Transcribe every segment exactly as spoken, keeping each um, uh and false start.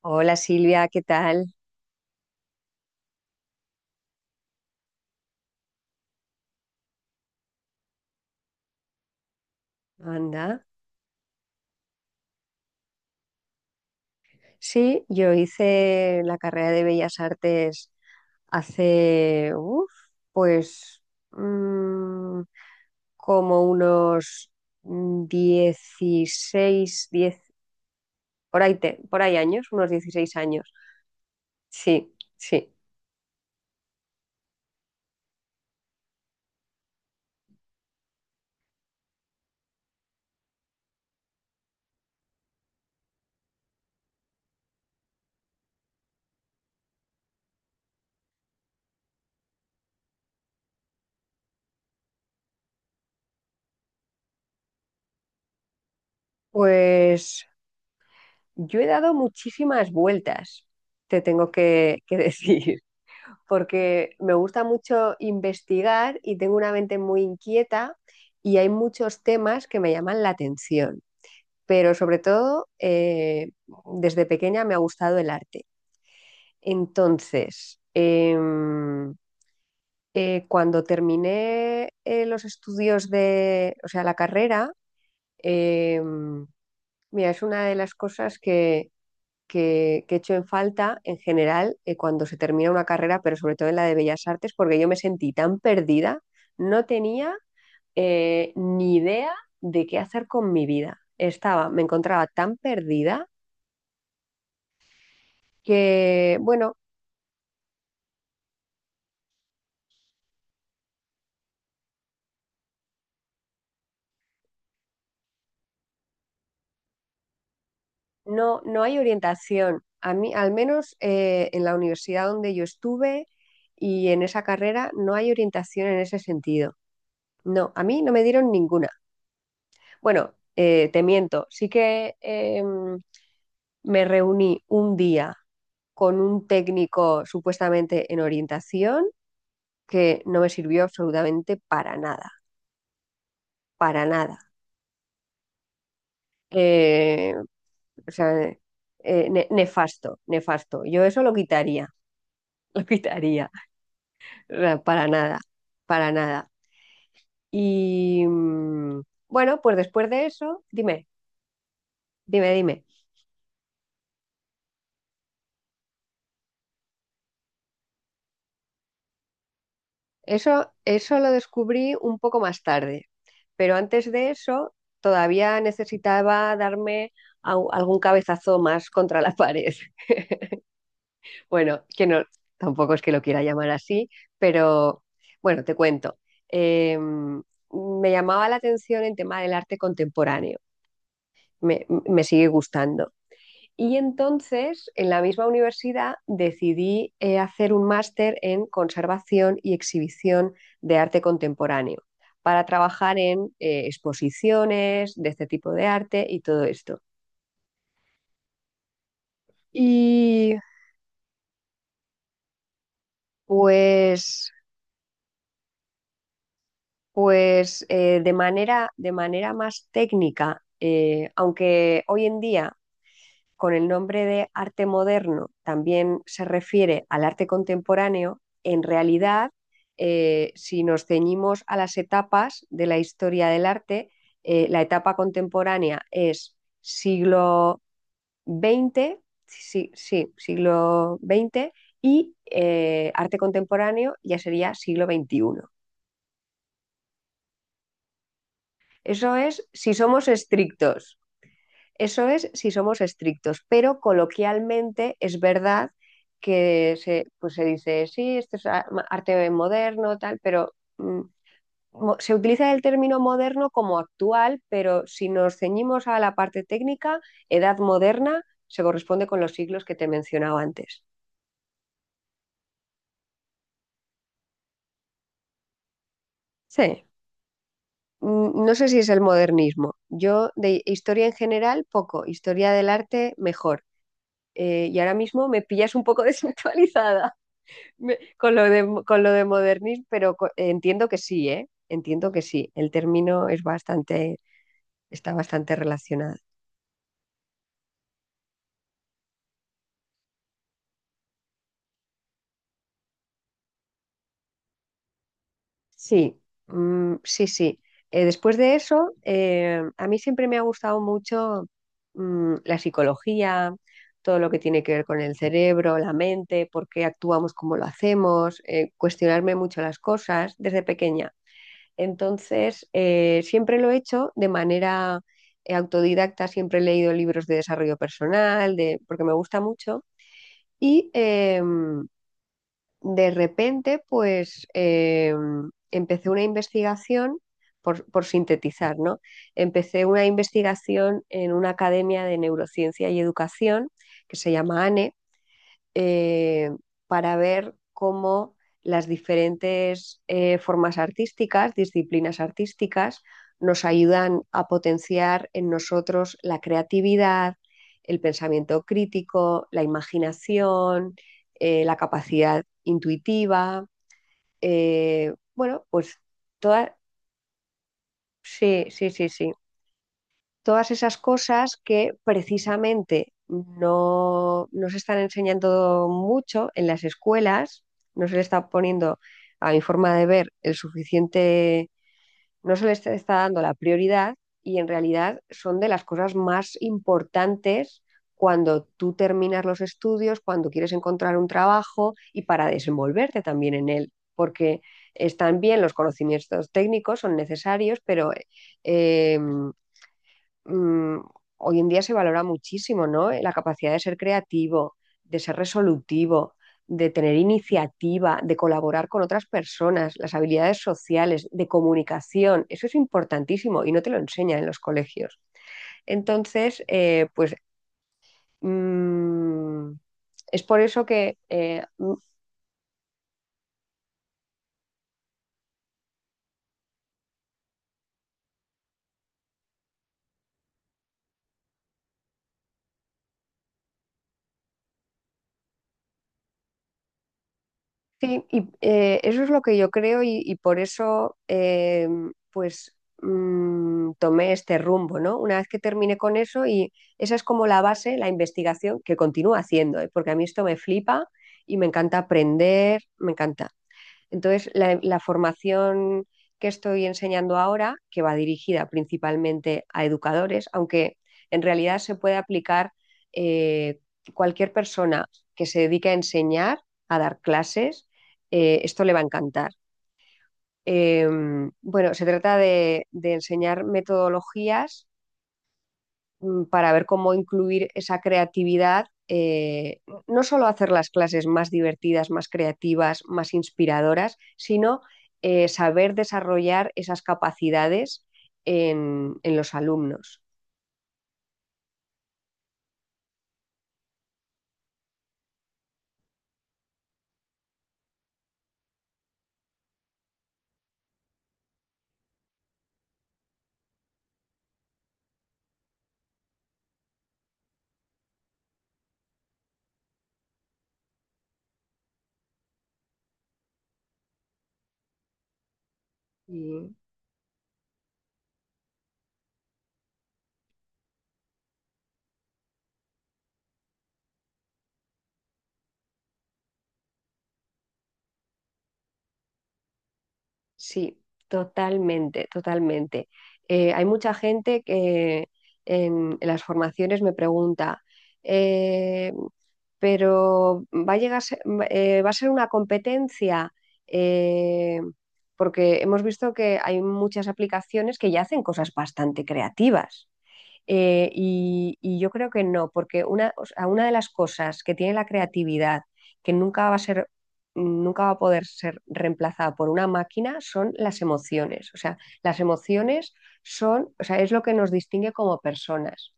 Hola Silvia, ¿qué tal? Anda. Sí, yo hice la carrera de Bellas Artes hace, uf, pues, mm, como unos dieciséis diez por ahí, te- por ahí años, unos dieciséis años. Sí, sí. Pues yo he dado muchísimas vueltas, te tengo que, que decir. Porque me gusta mucho investigar y tengo una mente muy inquieta y hay muchos temas que me llaman la atención, pero sobre todo eh, desde pequeña me ha gustado el arte. Entonces, eh, eh, cuando terminé eh, los estudios de, o sea, la carrera, em, mira, es una de las cosas que, que, que echo en falta en general eh, cuando se termina una carrera, pero sobre todo en la de Bellas Artes, porque yo me sentí tan perdida, no tenía eh, ni idea de qué hacer con mi vida. Estaba, me encontraba tan perdida que, bueno, no, no hay orientación. A mí, al menos eh, en la universidad donde yo estuve y en esa carrera, no hay orientación en ese sentido. No, a mí no me dieron ninguna. Bueno, eh, te miento, sí que em, me reuní un día con un técnico supuestamente en orientación que no me sirvió absolutamente para nada, para nada. Eh, o sea, eh, ne- nefasto, nefasto. Yo eso lo quitaría, lo quitaría. O sea, para nada, para nada. Y mm, bueno, pues después de eso, dime, dime, dime. Eso, eso lo descubrí un poco más tarde, pero antes de eso todavía necesitaba darme a- algún cabezazo más contra la pared. Bueno, que no, tampoco es que lo quiera llamar así, pero bueno, te cuento. Eh, me llamaba la atención el tema del arte contemporáneo. Me, me sigue gustando. Y entonces, en la misma universidad, decidí eh, hacer un máster en conservación y exhibición de arte contemporáneo para trabajar en eh, exposiciones de este tipo de arte y todo esto. Y pues, pues eh, de manera, de manera más técnica, eh, aunque hoy en día con el nombre de arte moderno también se refiere al arte contemporáneo, en realidad, eh, si nos ceñimos a las etapas de la historia del arte, eh, la etapa contemporánea es siglo veinte, sí, sí, siglo veinte, y eh, arte contemporáneo ya sería siglo veintiuno. Eso es si somos estrictos. Eso es si somos estrictos, pero coloquialmente es verdad que se, pues se dice, sí, esto es a- arte moderno, tal, pero mm, mo- se utiliza el término moderno como actual, pero si nos ceñimos a la parte técnica, edad moderna se corresponde con los siglos que te mencionaba antes. Sí, Mm, no sé si es el modernismo. Yo de historia en general, poco, historia del arte, mejor. Eh, y ahora mismo me pillas un poco desactualizada. Me- Con lo de, con lo de modernismo, pero co- entiendo que sí, ¿eh? Entiendo que sí. El término es bastante, está bastante relacionado. Sí, mm, sí, sí. Eh, después de eso, eh, a mí siempre me ha gustado mucho mm, la psicología, todo lo que tiene que ver con el cerebro, la mente, por qué actuamos como lo hacemos, eh, cuestionarme mucho las cosas desde pequeña. Entonces, eh, siempre lo he hecho de manera eh, autodidacta, siempre he leído libros de desarrollo personal, de, porque me gusta mucho. Y em, de repente, pues em, empecé una investigación, por, por sintetizar, ¿no? Empecé una investigación en una academia de neurociencia y educación que se llama ANE eh, para ver cómo las diferentes eh, formas artísticas, disciplinas artísticas, nos ayudan a potenciar en nosotros la creatividad, el pensamiento crítico, la imaginación, eh, la capacidad intuitiva. Eh, bueno, pues todas... Sí, sí, sí, sí, todas esas cosas que precisamente no, no se están enseñando mucho en las escuelas, no se le está poniendo, a mi forma de ver, el suficiente, no se le está está dando la prioridad y en realidad son de las cosas más importantes cuando tú terminas los estudios, cuando quieres encontrar un trabajo y para desenvolverte también en él, porque están bien los conocimientos técnicos, son necesarios, pero eh, em, mm, hoy en día se valora muchísimo, ¿no? Eh, La capacidad de ser creativo, de ser resolutivo, de tener iniciativa, de colaborar con otras personas, las habilidades sociales, de comunicación, eso es importantísimo y no te lo enseñan en los colegios. Entonces, eh, pues mm, es por eso que eh, Sí, y eh, eso es lo que yo creo y, y por eso eh, pues mm, tomé este rumbo, ¿no? Una vez que terminé con eso y esa es como la base, la investigación que continúo haciendo, ¿eh? Porque a mí esto me flipa y me encanta aprender, me encanta. Entonces, la, la formación que estoy enseñando ahora, que va dirigida principalmente a educadores, aunque en realidad se puede aplicar eh, cualquier persona que se dedique a enseñar, a dar clases, eh, esto le va a encantar. Eh, bueno, se trata de, de enseñar metodologías mm, para ver cómo incluir esa creatividad, eh, no solo hacer las clases más divertidas, más creativas, más inspiradoras, sino eh, saber desarrollar esas capacidades en, en los alumnos. Sí. Sí, totalmente, totalmente. Eh, hay mucha gente que en las formaciones me pregunta, eh, pero va a llegar, a ser- eh, va a ser una competencia, eh, porque hemos visto que hay muchas aplicaciones que ya hacen cosas bastante creativas. Eh, y, y yo creo que no, porque una, o sea, una de las cosas que tiene la creatividad, que nunca va a ser, nunca va a poder ser reemplazada por una máquina, son las emociones. O sea, las emociones son, o sea, es lo que nos distingue como personas.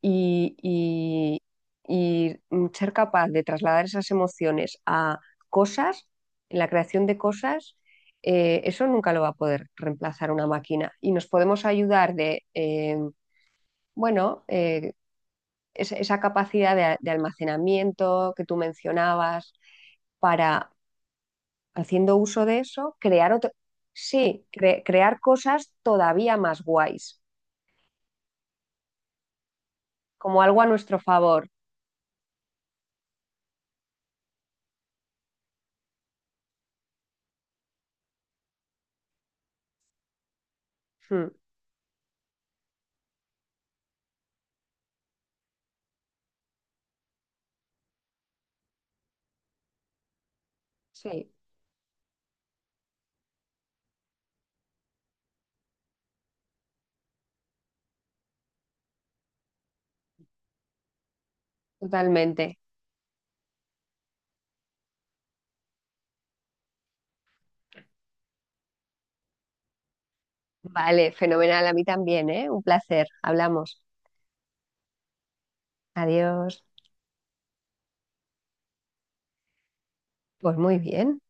Y, y- y ser capaz de trasladar esas emociones a cosas, en la creación de cosas, eh, eso nunca lo va a poder reemplazar una máquina. Y nos podemos ayudar de... em, bueno, eh, es- esa capacidad de, de almacenamiento que tú mencionabas para, haciendo uso de eso, crear otro, sí, cre- crear cosas todavía más guays, como algo a nuestro favor. Mm, sí, totalmente. Vale, fenomenal, a mí también, ¿eh? Un placer. Hablamos. Adiós. Pues muy bien.